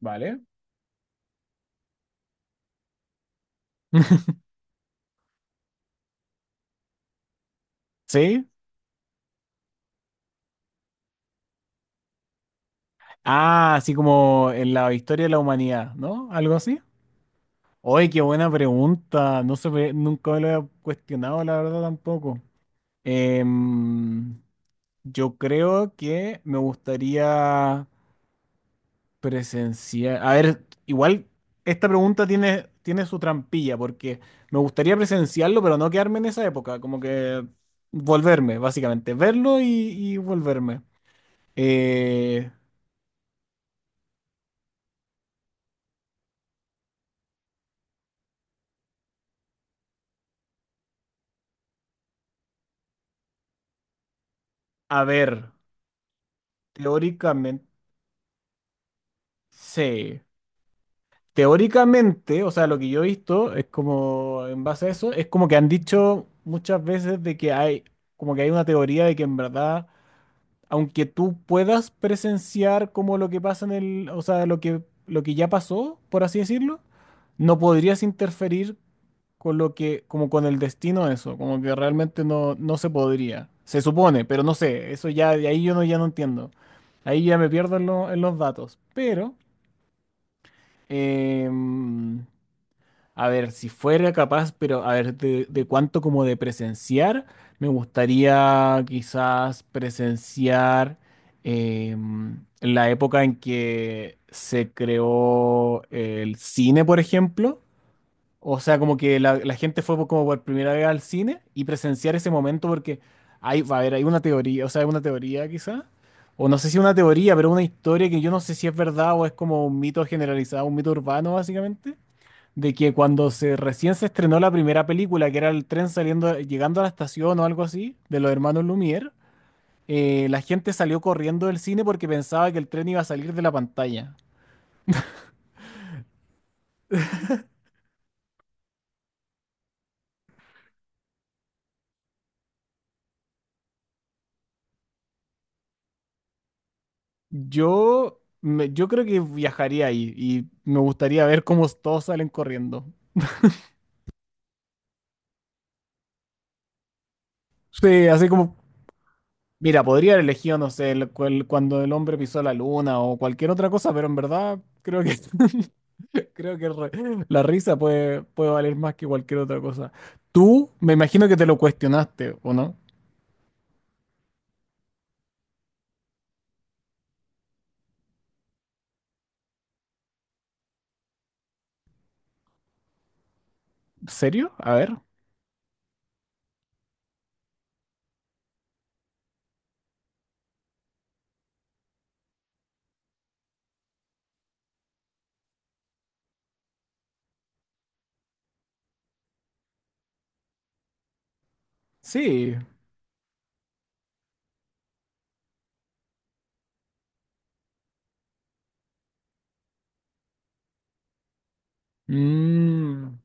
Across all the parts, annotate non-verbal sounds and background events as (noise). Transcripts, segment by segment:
Vale. (laughs) ¿Sí? Ah, así como en la historia de la humanidad, ¿no? ¿Algo así? Oye, qué buena pregunta. Nunca me lo había cuestionado, la verdad, tampoco. Em, yo creo que me gustaría presenciar. A ver, igual esta pregunta tiene su trampilla, porque me gustaría presenciarlo, pero no quedarme en esa época. Como que volverme, básicamente. Verlo y volverme. Eh, a ver. Teóricamente, sí. Teóricamente, o sea, lo que yo he visto es como, en base a eso, es como que han dicho muchas veces de que hay, como que hay una teoría de que en verdad, aunque tú puedas presenciar como lo que pasa en el, o sea, lo que ya pasó, por así decirlo, no podrías interferir con lo que, como con el destino de eso, como que realmente no se podría. Se supone, pero no sé, eso ya, de ahí yo no, ya no entiendo. Ahí ya me pierdo en los datos, pero... Em, a ver, si fuera capaz, pero a ver, de cuánto como de presenciar, me gustaría quizás presenciar la época en que se creó el cine, por ejemplo. O sea, como que la gente fue como por primera vez al cine y presenciar ese momento porque hay, va a haber, hay una teoría, o sea, hay una teoría quizá, o no sé si una teoría, pero una historia que yo no sé si es verdad o es como un mito generalizado, un mito urbano básicamente, de que cuando se recién se estrenó la primera película, que era el tren saliendo, llegando a la estación o algo así, de los hermanos Lumière, la gente salió corriendo del cine porque pensaba que el tren iba a salir de la pantalla. Yo creo que viajaría ahí y me gustaría ver cómo todos salen corriendo. Sí, así como, mira, podría haber elegido, no sé, cuando el hombre pisó la luna o cualquier otra cosa, pero en verdad creo que (laughs) creo que re- la risa puede valer más que cualquier otra cosa. Tú, me imagino que te lo cuestionaste, ¿o no? ¿Serio? A ver. Sí. Mm.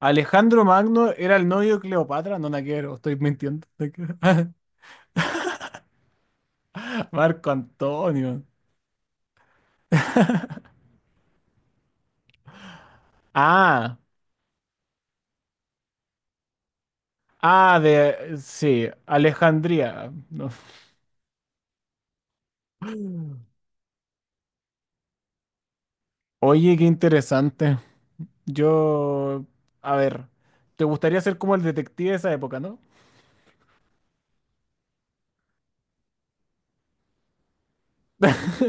Alejandro Magno era el novio de Cleopatra, no, no quiero, estoy mintiendo. (laughs) Marco Antonio. Ah, ah, de, sí, Alejandría. No. Oye, qué interesante. Yo, a ver, ¿te gustaría ser como el detective de esa época, no? (laughs)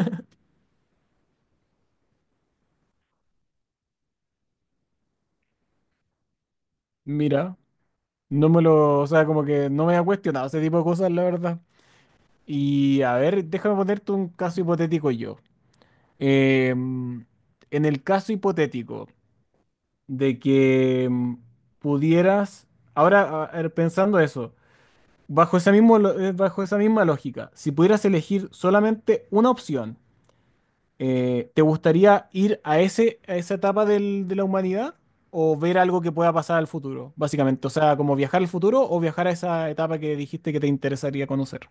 Mira, no me lo, o sea, como que no me ha cuestionado ese tipo de cosas, la verdad. Y a ver, déjame ponerte un caso hipotético yo. Em, en el caso hipotético de que pudieras, ahora a ver, pensando eso, bajo esa bajo esa misma lógica, si pudieras elegir solamente una opción, ¿te gustaría ir a ese, a esa etapa de la humanidad o ver algo que pueda pasar al futuro, básicamente? O sea, como viajar al futuro o viajar a esa etapa que dijiste que te interesaría conocer.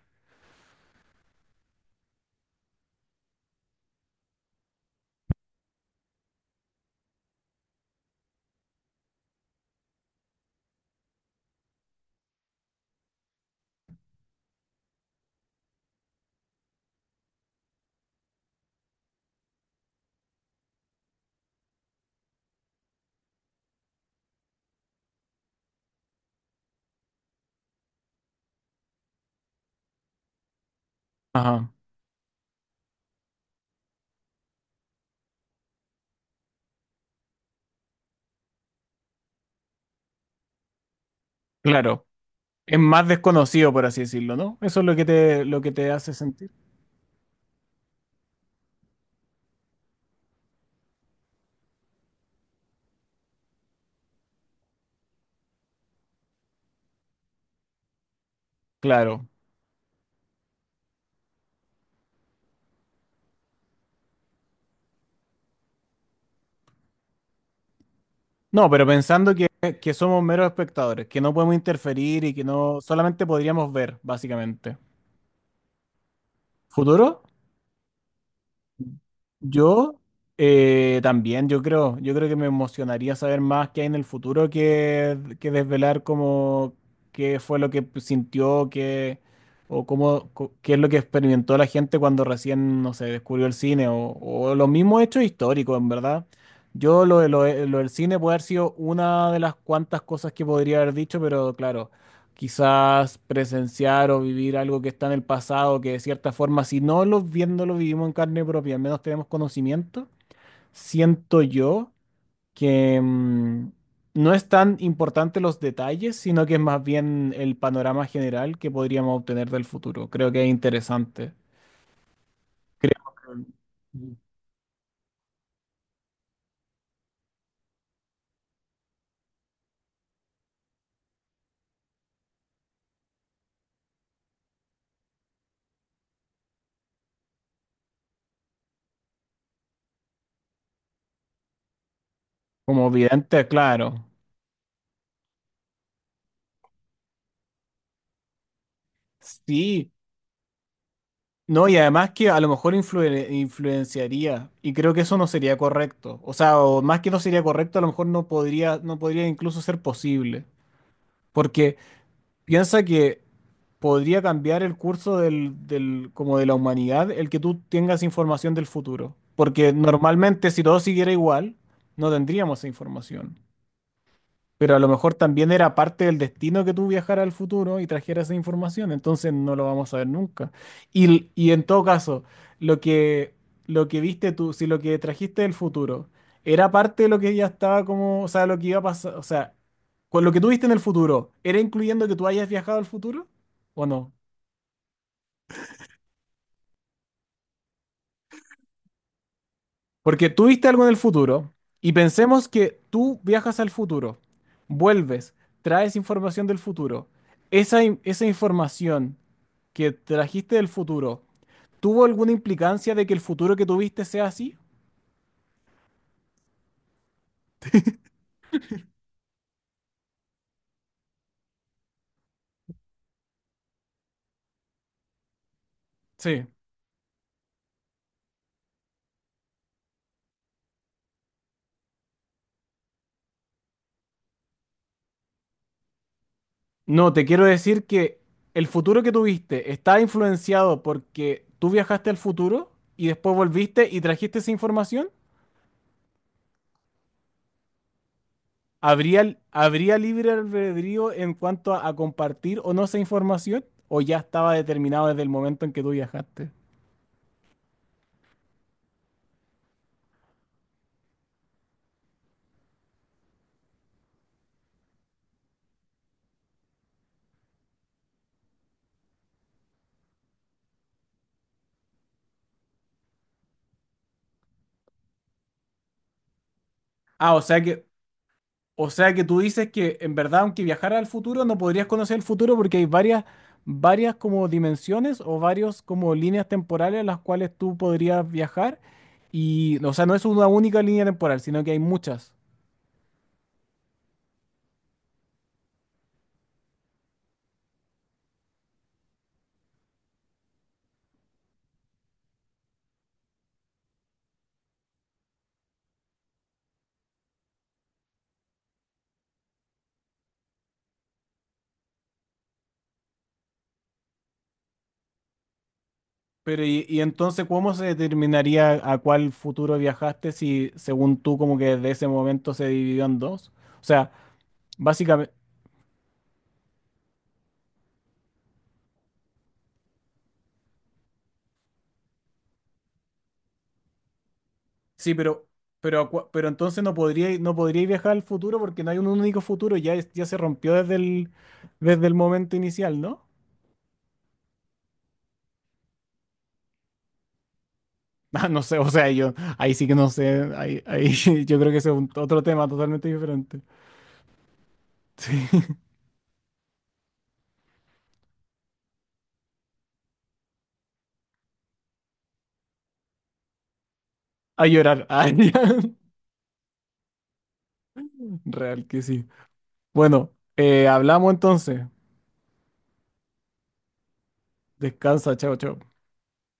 Ajá, claro. Es más desconocido, por así decirlo, ¿no? Eso es lo que te hace sentir. Claro. No, pero pensando que somos meros espectadores, que no podemos interferir y que no solamente podríamos ver, básicamente. ¿Futuro? Yo también, yo creo que me emocionaría saber más qué hay en el futuro que desvelar cómo qué fue lo que sintió, qué, o cómo, qué es lo que experimentó la gente cuando recién, no sé, descubrió el cine, o los mismos hechos históricos, en verdad. Yo lo, de- lo de- Lo del cine puede haber sido una de las cuantas cosas que podría haber dicho, pero claro quizás presenciar o vivir algo que está en el pasado, que de cierta forma, si no lo viéndolo, vivimos en carne propia, al menos tenemos conocimiento, siento yo que no es tan importante los detalles, sino que es más bien el panorama general que podríamos obtener del futuro. Creo que es interesante. Creo que, mm, Como vidente, claro. Sí. No, y además que a lo mejor influenciaría, y creo que eso no sería correcto. O sea, o más que no sería correcto, a lo mejor no podría incluso ser posible. Porque piensa que podría cambiar el curso como de la humanidad el que tú tengas información del futuro. Porque normalmente si todo siguiera igual, no tendríamos esa información. Pero a lo mejor también era parte del destino que tú viajaras al futuro y trajeras esa información, entonces no lo vamos a ver nunca. Y en todo caso, lo que, lo que viste tú, si lo que trajiste del futuro era parte de lo que ya estaba como, o sea, lo que iba a pasar, o sea, con lo que tú viste en el futuro, ¿era incluyendo que tú hayas viajado al futuro o no? Porque tú viste algo en el futuro y pensemos que tú viajas al futuro, vuelves, traes información del futuro. Esa información que trajiste del futuro, ¿tuvo alguna implicancia de que el futuro que tuviste sea así? Sí, no, te quiero decir que el futuro que tuviste está influenciado porque tú viajaste al futuro y después volviste y trajiste esa información. ¿Habría libre albedrío en cuanto a compartir o no esa información? ¿O ya estaba determinado desde el momento en que tú viajaste? Ah, o sea que, o sea que tú dices que en verdad, aunque viajara al futuro, no podrías conocer el futuro porque hay varias, varias como dimensiones o varios como líneas temporales a las cuales tú podrías viajar. Y, o sea, no es una única línea temporal, sino que hay muchas. Y entonces, ¿cómo se determinaría a cuál futuro viajaste si, según tú, como que desde ese momento se dividió en dos? O sea, básicamente, sí, pero entonces no podría viajar al futuro porque no hay un único futuro, ya, ya se rompió desde el momento inicial, ¿no? (laughs) Ah, no sé, o sea, yo ahí sí que no sé, ahí (laughs) yo creo que ese es otro tema totalmente diferente. Sí, (laughs) a llorar, ah, (laughs) ya. Real que sí. Bueno, hablamos entonces. Descansa, chao, chao.